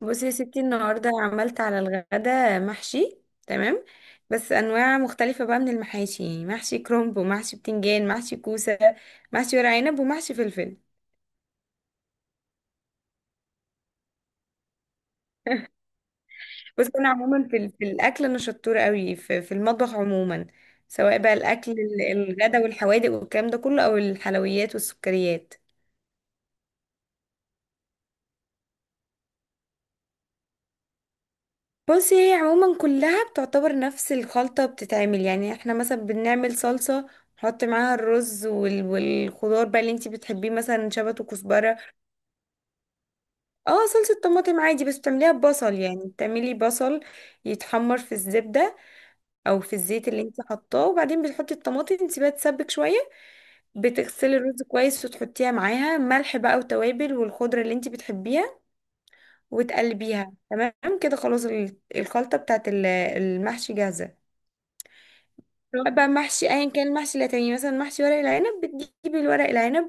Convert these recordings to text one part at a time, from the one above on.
بصي يا ستي، النهارده عملت على الغدا محشي. تمام. بس انواع مختلفه بقى من المحاشي، يعني محشي كرنب ومحشي بتنجان، محشي كوسه، محشي ورق عنب ومحشي فلفل. بس انا عموما في الاكل انا شطوره قوي في المطبخ عموما. سواء بقى الاكل الغدا والحوادق والكلام ده كله، او الحلويات والسكريات. بصي هي عموما كلها بتعتبر نفس الخلطة، بتتعمل يعني احنا مثلا بنعمل صلصة، نحط معاها الرز والخضار بقى اللي انتي بتحبيه، مثلا شبت وكزبرة. اه، صلصة طماطم عادي، بس بتعمليها ببصل. يعني بتعملي بصل يتحمر في الزبدة او في الزيت اللي انتي حطاه، وبعدين بتحطي الطماطم تسيبها تسبك شوية. بتغسلي الرز كويس وتحطيها معاها ملح بقى وتوابل والخضرة اللي انتي بتحبيها، وتقلبيها. تمام كده، خلاص الخلطة بتاعت المحشي جاهزة. بقى محشي ايا كان المحشي اللي هتعمليه، مثلا محشي ورق العنب، بتجيبي الورق العنب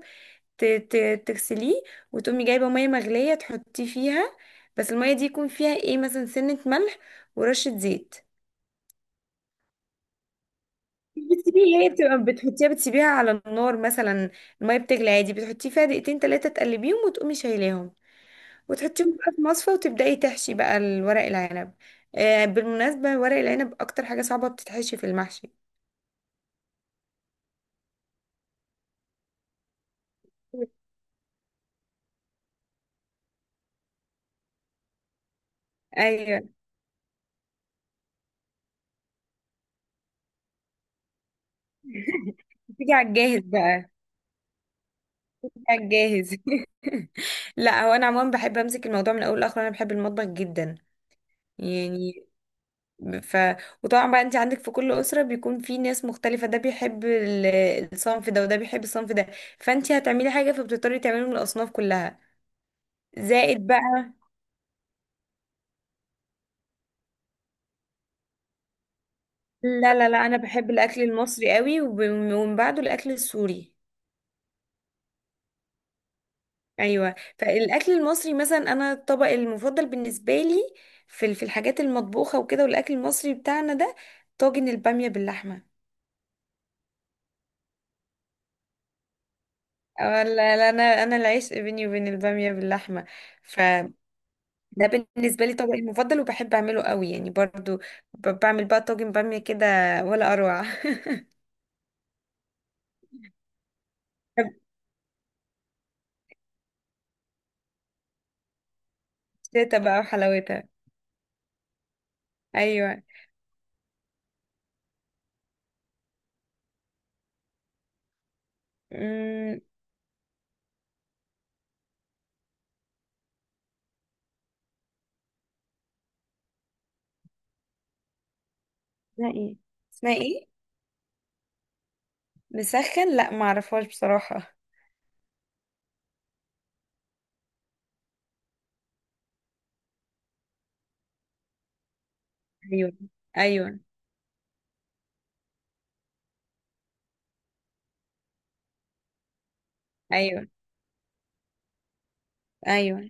تغسليه، وتقومي جايبه ميه مغليه تحطيه فيها. بس الميه دي يكون فيها ايه، مثلا سنه ملح، ورشه زيت. مش بتسيبيه، هي بتبقى بتحطيها بتسيبيها على النار مثلا، الميه بتغلي عادي بتحطيه فيها دقيقتين تلاتة، تقلبيهم وتقومي شايلاهم، وتحطيهم بقى في مصفى، وتبدأي تحشي بقى الورق العنب. آه، بالمناسبة ورق العنب أكتر حاجة صعبة بتتحشي في المحشي. أيوة. بتيجي على الجاهز بقى. جاهز. لا، هو انا عموما بحب امسك الموضوع من اول لاخر، انا بحب المطبخ جدا يعني. ف وطبعا بقى انت عندك في كل اسره بيكون في ناس مختلفه، ده بيحب الصنف ده وده بيحب الصنف ده، فانت هتعملي حاجه فبتضطري تعملي من الاصناف كلها. زائد بقى، لا لا لا، انا بحب الاكل المصري قوي، ومن بعده الاكل السوري. ايوه، فالاكل المصري مثلا، انا الطبق المفضل بالنسبه لي في في الحاجات المطبوخه وكده، والاكل المصري بتاعنا ده، طاجن الباميه باللحمه. اه لا لا، انا العشق بيني وبين الباميه باللحمه، فده بالنسبه لي طبقي المفضل، وبحب اعمله قوي يعني. برضو بعمل بقى طاجن باميه كده ولا اروع. شتا بقى وحلاوتها. ايوه. امم. اسمها ايه؟ اسمها ايه؟ مسخن؟ لا، ما اعرفهاش بصراحه. ايوه. ايوه. ايوه. ايوه.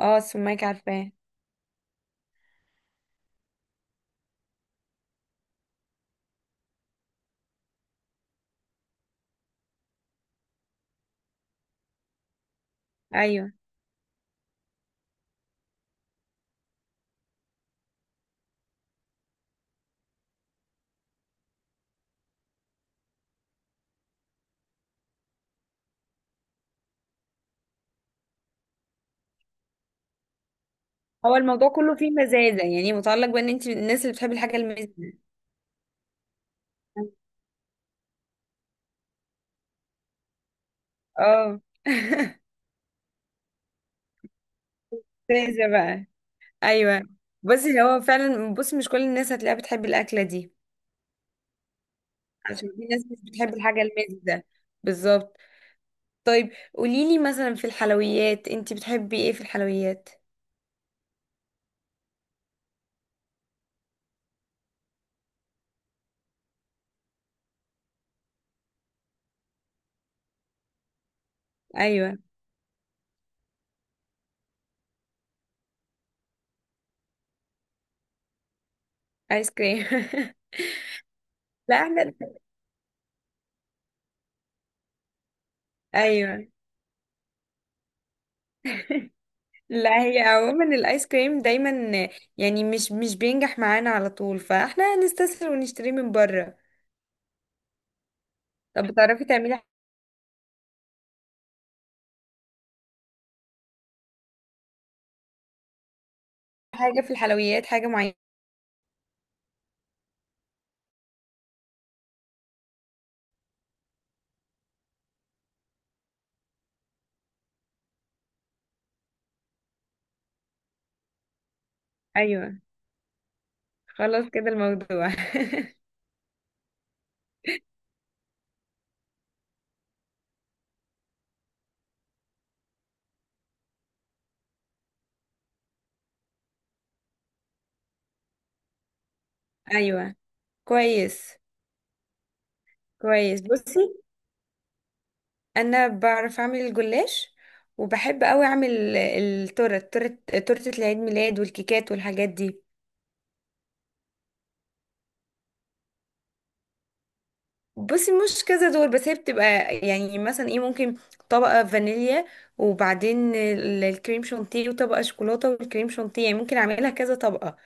اه، السماك عارفاه. ايوه. هو الموضوع كله فيه مزازه، يعني متعلق بان انت من الناس اللي بتحب الحاجه المزازه. اه. مزازه بقى. ايوه. بصي هو فعلا، بصي مش كل الناس هتلاقيها بتحب الاكله دي، عشان في ناس مش بتحب الحاجه المزه. بالظبط. طيب قوليلي مثلا في الحلويات، انتي بتحبي ايه في الحلويات؟ ايوه. ايس كريم. لا احنا، ايوه، لا هي عموما الايس كريم دايما يعني مش بينجح معانا على طول، فاحنا هنستسهل ونشتريه من بره. طب بتعرفي تعملي حاجه في الحلويات، حاجه معينه؟ ايوه. خلاص كده الموضوع. ايوه. كويس. كويس، بصي انا بعرف اعمل الجلاش، وبحب قوي اعمل التورت، تورت تورتة العيد ميلاد والكيكات والحاجات دي. بصي مش كذا دول، بس هي بتبقى يعني مثلا ايه، ممكن طبقة فانيليا، وبعدين الكريم شانتيه، وطبقة شوكولاتة والكريم شانتيه، يعني ممكن اعملها كذا طبقة.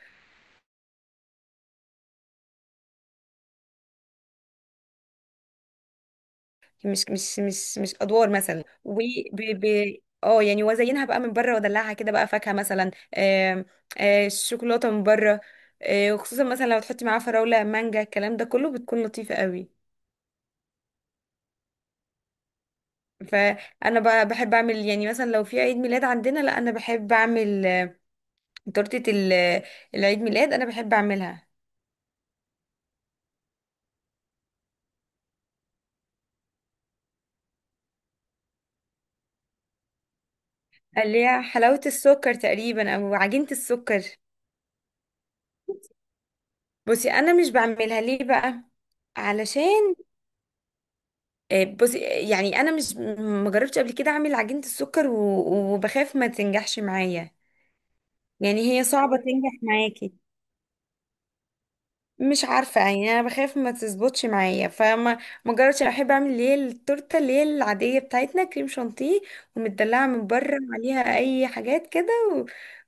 مش ادوار مثلا، ب ب اه يعني وازينها بقى من بره وادلعها كده بقى، فاكهه مثلا، آم، الشوكولاته من بره. وخصوصا مثلا لو تحطي معاها فراوله، مانجا، الكلام ده كله، بتكون لطيفه قوي. فانا بقى بحب اعمل يعني مثلا لو في عيد ميلاد عندنا، لا انا بحب اعمل تورته العيد ميلاد، انا بحب اعملها. اللي هي حلاوه السكر تقريبا، او عجينه السكر. بصي انا مش بعملها ليه بقى، علشان بصي يعني انا مش، ما جربتش قبل كده اعمل عجينة السكر وبخاف ما تنجحش معايا. يعني هي صعبة تنجح معاكي، مش عارفة يعني، انا بخاف ما تظبطش معايا، فما، ما جربتش. أنا بحب اعمل اللي هي التورتة اللي هي العادية بتاعتنا، كريم شانتيه ومدلعة من بره عليها اي حاجات كده، و...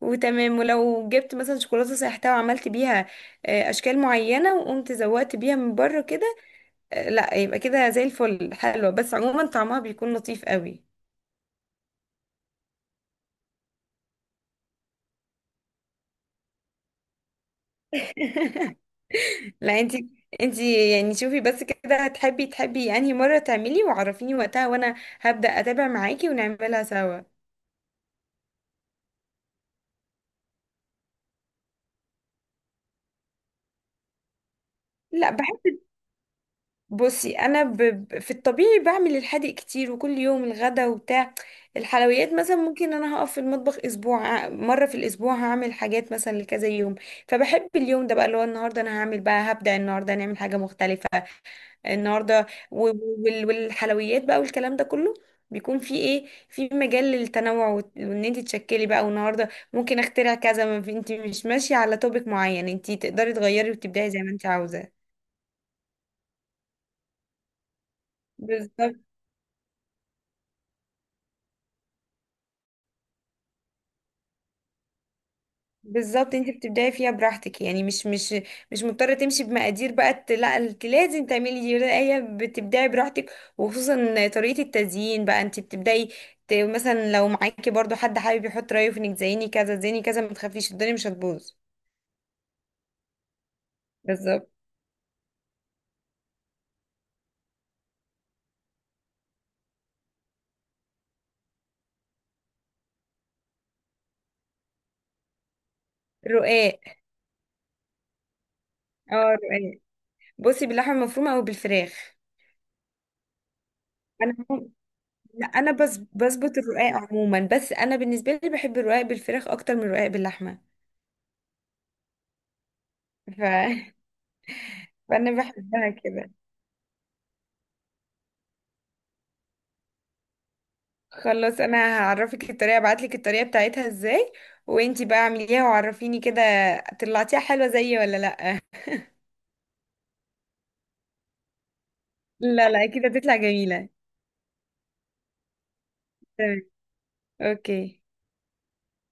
وتمام. ولو جبت مثلا شوكولاتة سايحتها وعملت بيها اشكال معينة، وقمت زودت بيها من بره كده، لا يبقى كده زي الفل، حلوة. بس عموما طعمها بيكون لطيف قوي. لا انت، انت يعني شوفي بس كده، هتحبي تحبي انهي مرة تعملي وعرفيني وقتها، وانا هبدأ اتابع معاكي ونعملها سوا. لا بحب، بصي انا في الطبيعي بعمل الحادق كتير وكل يوم، الغدا وبتاع. الحلويات مثلا ممكن انا هقف في المطبخ اسبوع، مرة في الاسبوع هعمل حاجات مثلا لكذا يوم. فبحب اليوم ده بقى اللي هو النهارده، انا هعمل بقى، هبدأ النهارده نعمل حاجة مختلفة النهارده، والحلويات بقى والكلام ده كله، بيكون في ايه، في مجال للتنوع، وان انت تشكلي بقى. والنهارده ممكن اخترع كذا، ما في، انت مش ماشيه على توبيك معين، انت تقدري تغيري وتبدعي زي ما انت عاوزه. بالظبط. بالظبط، انت بتبدعي فيها براحتك، يعني مش مضطره تمشي بمقادير بقى، لا انت لازم تعملي دي، لا، هي بتبدعي براحتك. وخصوصا طريقه التزيين بقى، انت بتبدعي مثلا لو معاكي برضو حد حابب يحط رايه في انك زيني كذا زيني كذا، ما تخافيش، الدنيا مش هتبوظ. بالظبط. رقاق. اه، رقاق. بصي باللحمه المفرومه او بالفراخ. انا، لا انا بس بظبط الرقاق عموما، بس انا بالنسبه لي بحب الرقاق بالفراخ اكتر من الرقاق باللحمه. ف... فانا بحبها كده. خلاص انا هعرفك الطريقه، ابعتلك الطريقه بتاعتها ازاي، وانتي بقى اعمليها وعرفيني كده، طلعتيها حلوه زيي ولا لا. لا لا، كده بتطلع جميله. تمام. اوكي.